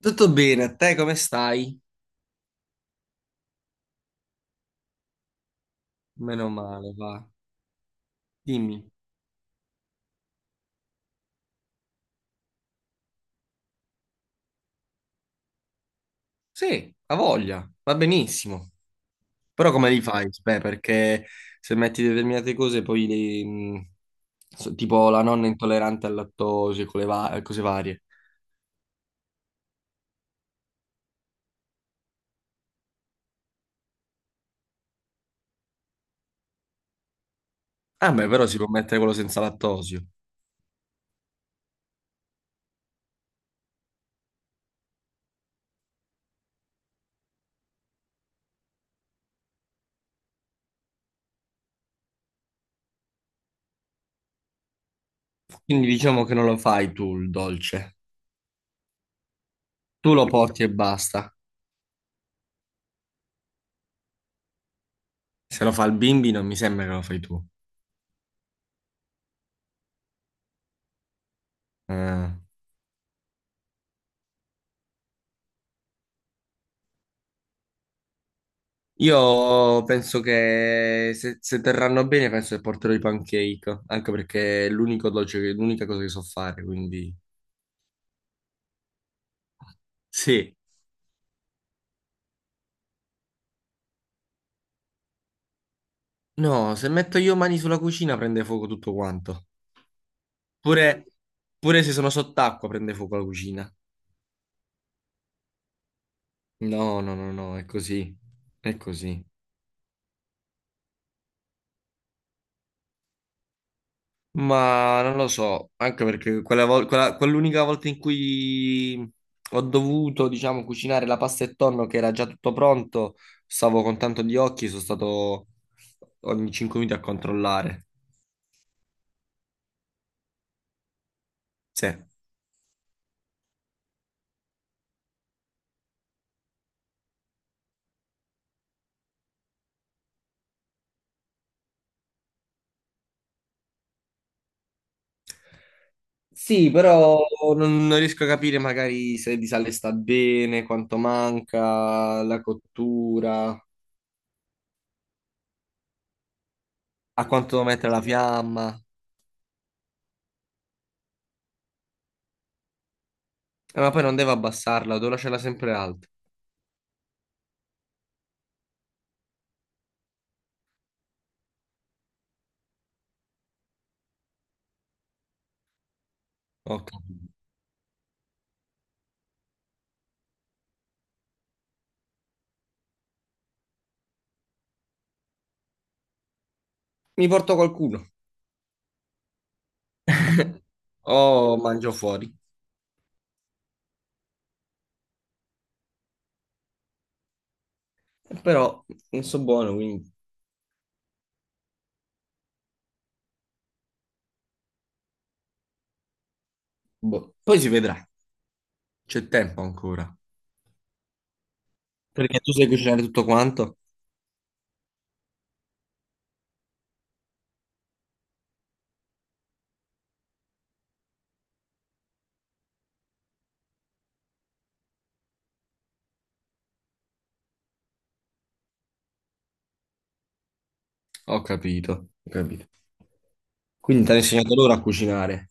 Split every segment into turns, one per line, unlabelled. Tutto bene, a te come stai? Meno male, va. Dimmi. Sì, ha voglia, va benissimo. Però come li fai? Beh, perché se metti determinate cose poi tipo la nonna intollerante al lattosio, con cose varie. Ah, beh, però si può mettere quello senza lattosio. Quindi diciamo che non lo fai tu il dolce. Tu lo porti e basta. Se lo fa il bimbi non mi sembra che lo fai tu. Ah. Io penso che se terranno bene, penso che porterò i pancake, anche perché è l'unica cosa che so fare, quindi sì. No, se metto io mani sulla cucina prende fuoco tutto quanto. Pure, pure se sono sott'acqua prende fuoco la cucina. No, no, no, no, è così. È così. Ma non lo so, anche perché quell'unica volta in cui ho dovuto, diciamo, cucinare la pasta e tonno che era già tutto pronto, stavo con tanto di occhi, sono stato ogni 5 minuti a controllare. Sì. Sì, però non riesco a capire magari se di sale sta bene, quanto manca, la cottura, a quanto devo mettere la fiamma. Ma poi non devo abbassarla, devo lasciarla sempre alta. Ok. Mi porto qualcuno. O mangio fuori. Però non so buono, quindi boh. Poi si vedrà, c'è tempo ancora. Perché tu sai cucinare tutto quanto? Ho capito, ho capito. Quindi ti hanno insegnato loro a cucinare.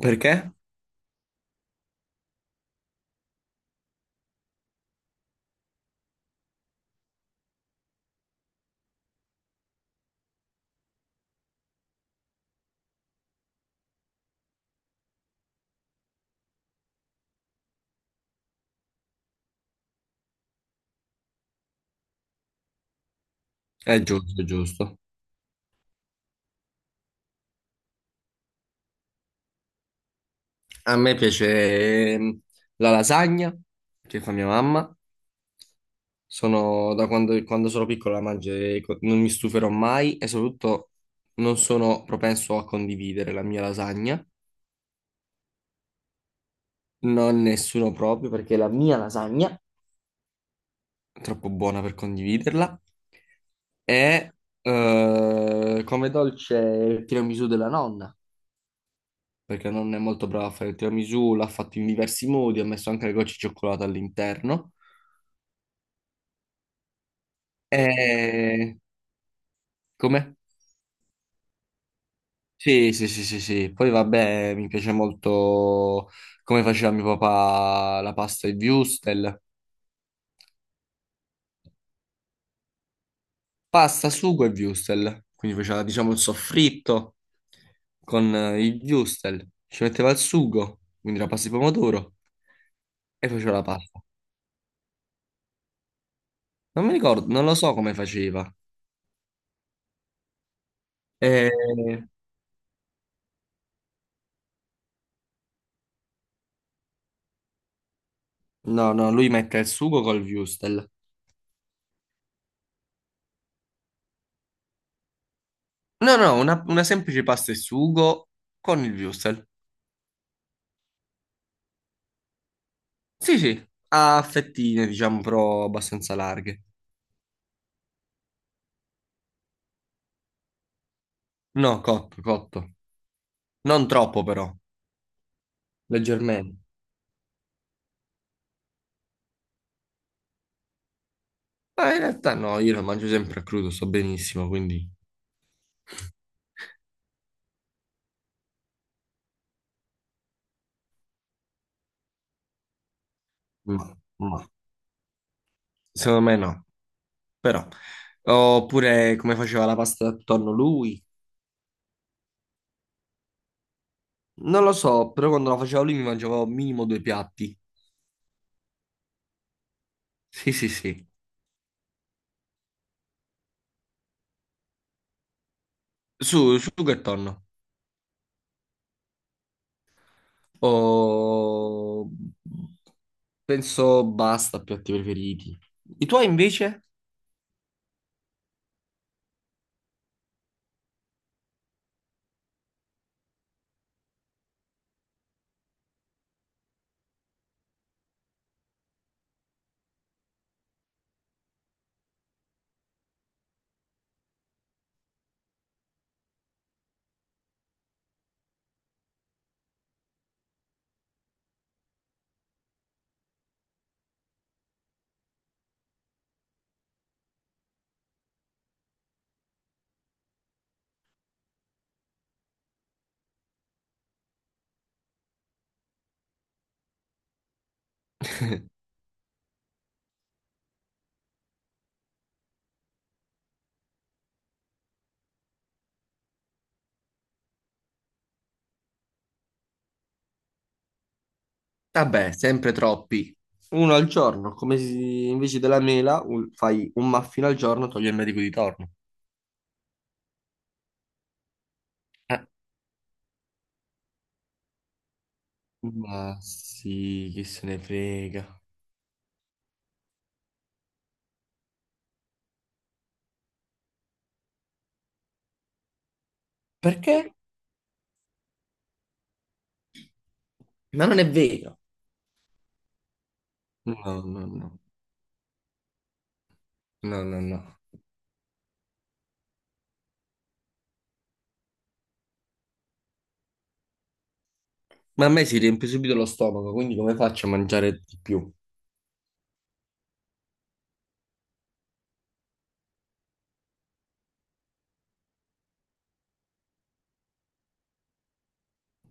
Perché? È giusto, è giusto. A me piace la lasagna che fa mia mamma. Sono da quando sono piccolo la mangio e non mi stuferò mai e soprattutto non sono propenso a condividere la mia lasagna. Non nessuno proprio perché la mia lasagna troppo buona per condividerla. E Come dolce il tiramisù della nonna, perché la nonna è molto brava a fare il tiramisù, l'ha fatto in diversi modi, ha messo anche le gocce di cioccolato all'interno. E come? Sì, sì, sì, sì, sì. Poi vabbè, mi piace molto come faceva mio papà la pasta e il würstel. Pasta, sugo e würstel. Quindi faceva, diciamo, il soffritto con il würstel. Ci metteva il sugo, quindi la pasta di pomodoro, e faceva la pasta. Non mi ricordo, non lo so come faceva. Eh, No, no, lui mette il sugo col würstel. No, no, una semplice pasta e sugo con il würstel. Sì, sì, a fettine, diciamo, però abbastanza larghe. No, cotto, cotto. Non troppo, però, leggermente. Ma in realtà no, io lo mangio sempre a crudo, sto benissimo, quindi... Mm, no. Secondo me no, però. Oppure come faceva la pasta attorno lui. Non lo so, però quando la faceva lui mi mangiavo minimo 2 piatti. Sì, sì, sì. Su, sugo e tonno. O... Penso basta, piatti preferiti. I tuoi invece? Vabbè, sempre troppi. Uno al giorno, come se invece della mela fai un muffin al giorno, togli il medico di torno. Eh, ma sì, chi se ne frega. Perché? Ma non è vero. No, no, no, no, no, no. Ma a me si riempie subito lo stomaco, quindi come faccio a mangiare di più?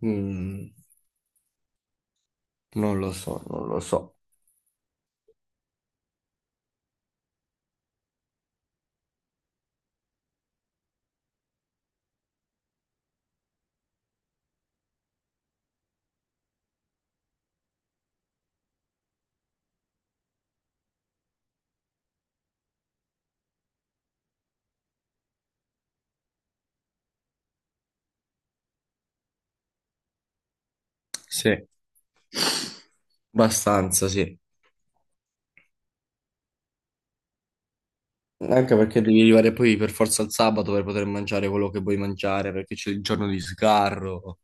Mm, non lo so, non lo so. Sì, abbastanza, sì. Anche perché devi arrivare poi per forza al sabato per poter mangiare quello che vuoi mangiare, perché c'è il giorno di sgarro.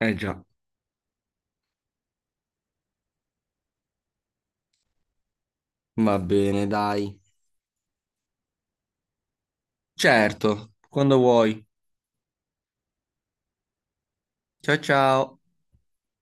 Eh già, va bene, dai. Certo, quando vuoi. Ciao ciao.